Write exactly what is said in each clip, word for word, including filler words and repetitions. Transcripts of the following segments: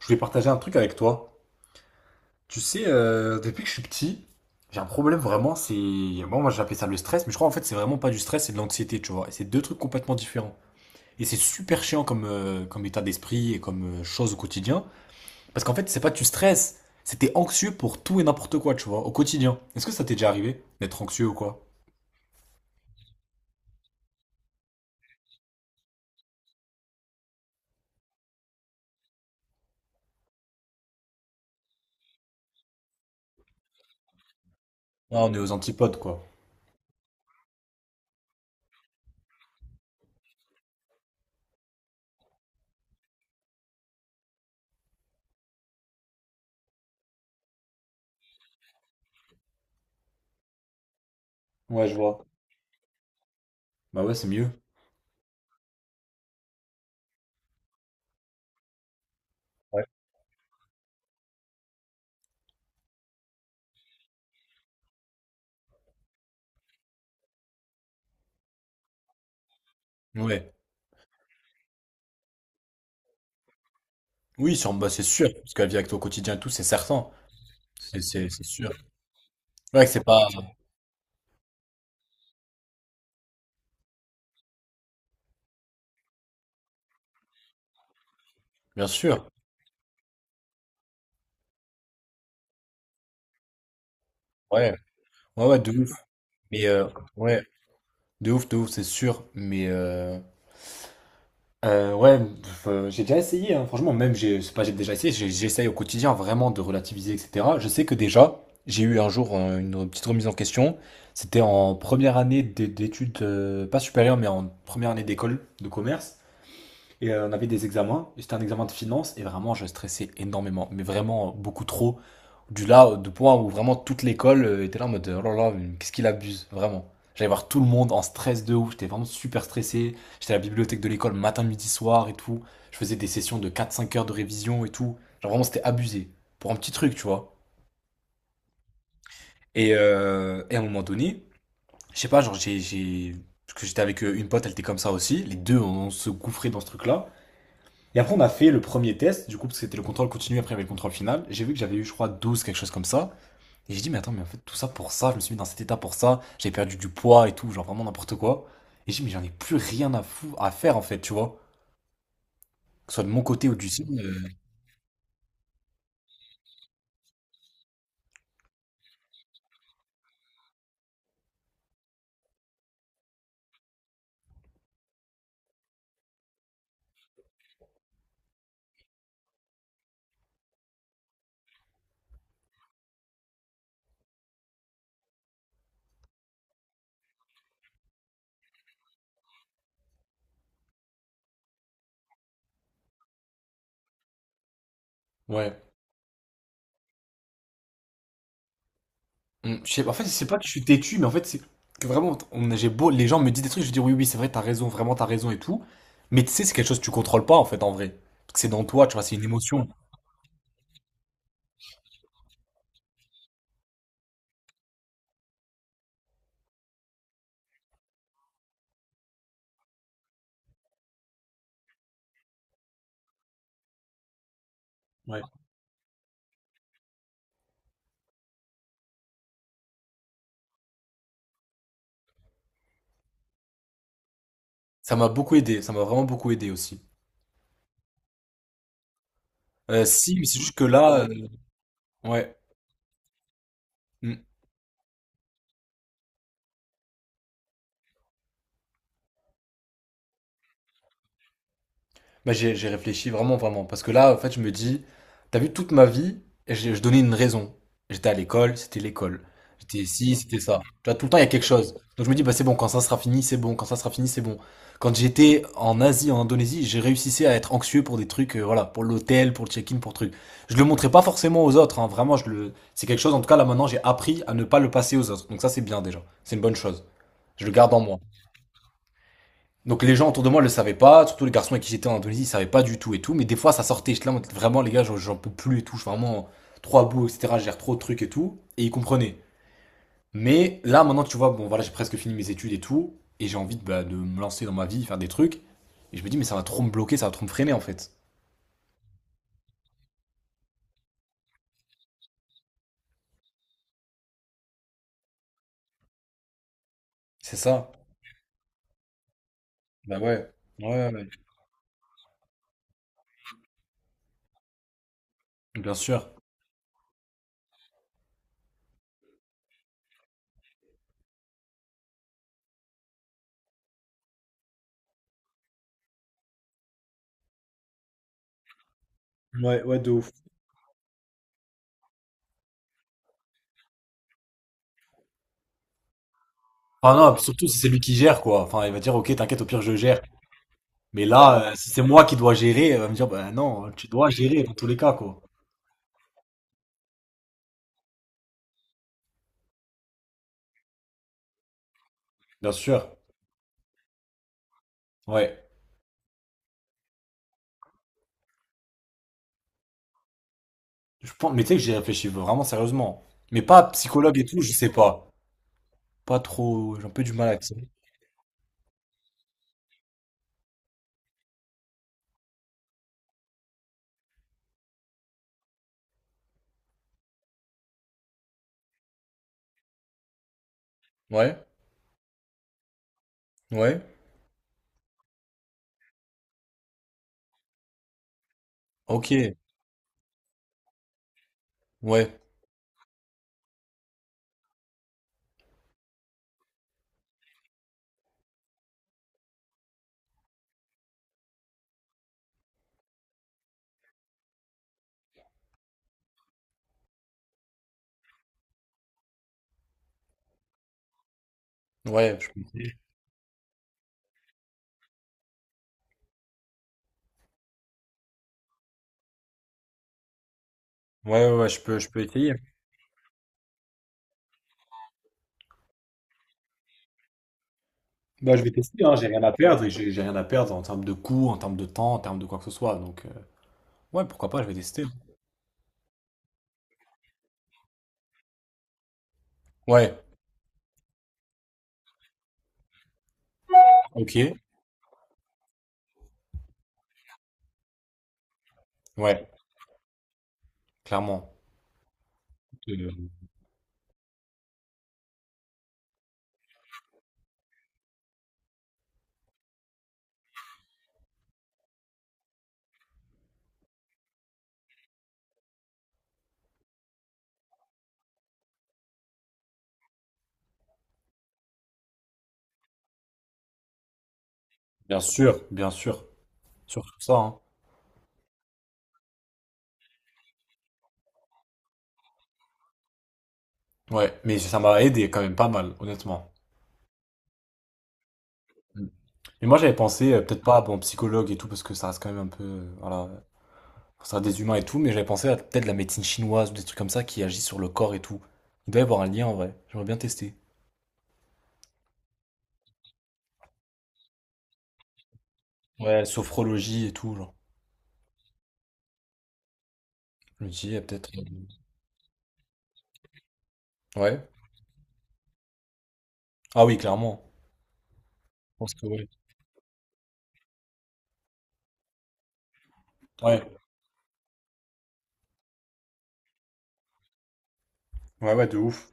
Je voulais partager un truc avec toi. Tu sais, euh, depuis que je suis petit, j'ai un problème vraiment, c'est... Moi, moi j'appelais ça le stress, mais je crois en fait c'est vraiment pas du stress, c'est de l'anxiété, tu vois. Et c'est deux trucs complètement différents. Et c'est super chiant comme, euh, comme état d'esprit et comme euh, chose au quotidien. Parce qu'en fait, c'est pas tu stresses, c'est t'es anxieux pour tout et n'importe quoi, tu vois, au quotidien. Est-ce que ça t'est déjà arrivé d'être anxieux ou quoi? Ah on est aux antipodes, quoi. Ouais, je vois. Bah ouais, c'est mieux. Ouais. Ouais. Oui, sur- bah, c'est sûr, parce que la vie avec toi au quotidien et tout, c'est certain. C'est c'est- c'est sûr. Ouais, que c'est pas... Bien sûr. Ouais, ouais, ouais, de ouf. Mais euh, ouais, de ouf, de ouf, c'est sûr. Mais euh, euh, ouais, pff, euh, j'ai déjà essayé, hein. Franchement, même, j'ai, c'est pas, j'ai déjà essayé, j'ai- j'essaye au quotidien vraiment de relativiser, et cetera. Je sais que déjà, j'ai eu un jour euh, une petite remise en question. C'était en première année d'é- d'études, euh, pas supérieures, mais en première année d'école de commerce. Et euh, on avait des examens, et c'était un examen de finance, et vraiment, je stressais énormément, mais vraiment euh, beaucoup trop. Du là, euh, du point où vraiment toute l'école euh, était là en mode, euh, oh là là, mais qu'est-ce qu'il abuse, vraiment. J'allais voir tout le monde en stress de ouf, j'étais vraiment super stressé. J'étais à la bibliothèque de l'école matin, midi, soir et tout. Je faisais des sessions de quatre cinq heures de révision et tout. Genre vraiment, c'était abusé. Pour un petit truc, tu vois. Et, euh, et à un moment donné, je sais pas, genre j'ai... j'ai- parce que j'étais avec euh, une pote, elle était comme ça aussi. Les deux, on se gouffrait dans ce truc-là. Et après, on a fait le premier test, du coup, parce que c'était le contrôle continu, après il y avait le contrôle final. J'ai vu que j'avais eu, je crois, douze quelque chose comme ça. Et j'ai dit, mais attends, mais en fait, tout ça pour ça, je me suis mis dans cet état pour ça, j'ai perdu du poids et tout, genre vraiment n'importe quoi. Et j'ai dit, mais j'en ai plus rien à, fou à faire, en fait, tu vois. Que ce soit de mon côté ou du sien. euh, Ouais. Mm, je sais, en fait, c'est pas que je suis têtu, mais en fait, c'est que vraiment, on, j'ai beau, les gens me disent des trucs, je dis, oui, oui, c'est vrai, t'as raison, vraiment, t'as raison et tout. Mais tu sais, c'est quelque chose que tu contrôles pas, en fait, en vrai. Parce que c'est dans toi, tu vois, c'est une émotion. Ouais. Ça m'a beaucoup aidé, ça m'a vraiment beaucoup aidé aussi. Euh, si, mais c'est juste que là, euh, ouais. Mm. Bah, j'ai j'ai réfléchi vraiment, vraiment. Parce que là, en fait, je me dis, t'as vu toute ma vie, et j'ai- je donnais une raison. J'étais à l'école, c'était l'école. J'étais ici, c'était ça. Tu vois, tout le temps, il y a quelque chose. Donc je me dis, bah, c'est bon, quand ça sera fini, c'est bon, quand ça sera fini, c'est bon. Quand j'étais en Asie, en Indonésie, j'ai réussi à être anxieux pour des trucs, euh, voilà, pour l'hôtel, pour le check-in, pour trucs. Je le montrais pas forcément aux autres, hein, vraiment, je le... c'est quelque chose, en tout cas, là, maintenant, j'ai appris à ne pas le passer aux autres. Donc ça, c'est bien déjà. C'est une bonne chose. Je le garde en moi. Donc les gens autour de moi ne le savaient pas, surtout les garçons avec qui j'étais en Indonésie, ils ne savaient pas du tout et tout, mais des fois ça sortait, j'étais là, vraiment les gars, j'en- peux plus et tout, je suis vraiment trop à bout, et cetera, je gère trop de trucs et tout, et ils comprenaient. Mais là maintenant tu vois, bon voilà, j'ai presque fini mes études et tout, et j'ai envie de, bah, de me lancer dans ma vie, faire des trucs, et je me dis, mais ça va trop me bloquer, ça va trop me freiner en fait. C'est ça. Bah ouais, ouais, ouais. Bien sûr. Ouais, ouais, de ouf. Enfin non, puis surtout si c'est lui qui gère quoi. Enfin il va dire ok t'inquiète au pire je gère. Mais là euh, si c'est moi qui dois gérer, euh, il va me dire bah non tu dois gérer dans tous les cas quoi. Bien sûr, ouais. Je pense, mais tu sais que j'y réfléchis vraiment sérieusement. Mais pas psychologue et tout, je sais pas. Pas trop, j'ai un peu du mal avec ça. Ouais, ouais. Ok, ouais, ouais, je peux essayer. Ouais, ouais, ouais, je peux, je peux essayer. Bah, je vais tester, hein, j'ai rien à perdre et j'ai j'ai rien à perdre en termes de coût, en termes de temps, en termes de quoi que ce soit. Donc, euh, ouais, pourquoi pas, je vais tester. Ouais, ok, ouais, clairement. Euh, bien sûr, bien sûr, surtout ça, hein. Ouais, mais ça m'a aidé quand même pas mal, honnêtement. Et moi j'avais pensé, euh, peut-être pas bon psychologue et tout, parce que ça reste quand même un peu, euh, voilà, ça reste des humains et tout, mais j'avais pensé à peut-être la médecine chinoise ou des trucs comme ça qui agissent sur le corps et tout. Il doit y avoir un lien en vrai, j'aimerais bien tester. Ouais, sophrologie et tout, genre. Je me dis, il y a peut-être. euh, Ouais. Ah oui, clairement. Ouais. Ouais, ouais, de ouf.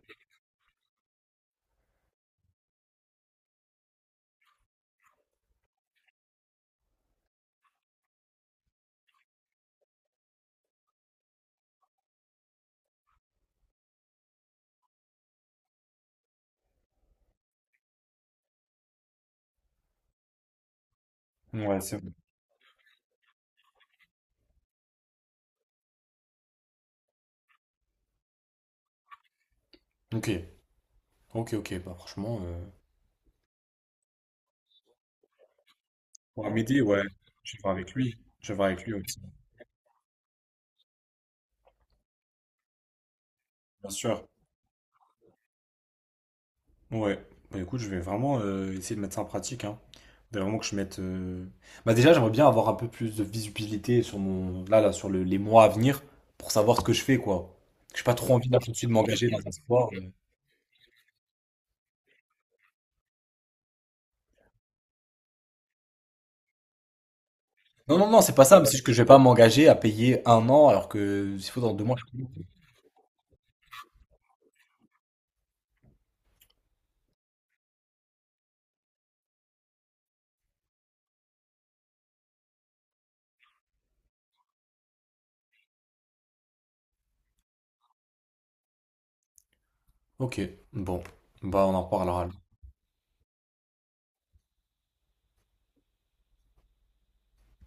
Ouais, c'est vrai. Ok, ok, ok, bah franchement. Euh... Ouais, m'aider, ouais. Je vais voir avec lui. Je vais voir avec lui aussi, bien sûr. Ouais. Bah écoute, je vais vraiment euh, essayer de mettre ça en pratique, hein. Faudrait vraiment que je mette. euh, Bah déjà, j'aimerais bien avoir un peu plus de visibilité sur mon. Là, là, sur le- les mois à venir pour savoir ce que je fais, quoi. J'ai pas trop envie là tout de suite de m'engager dans un sport. euh. Non, non, non, c'est pas ça, mais c'est juste que je vais pas m'engager à payer un an alors que s'il faut dans deux mois. je- Ok, bon. Bah, on en reparlera.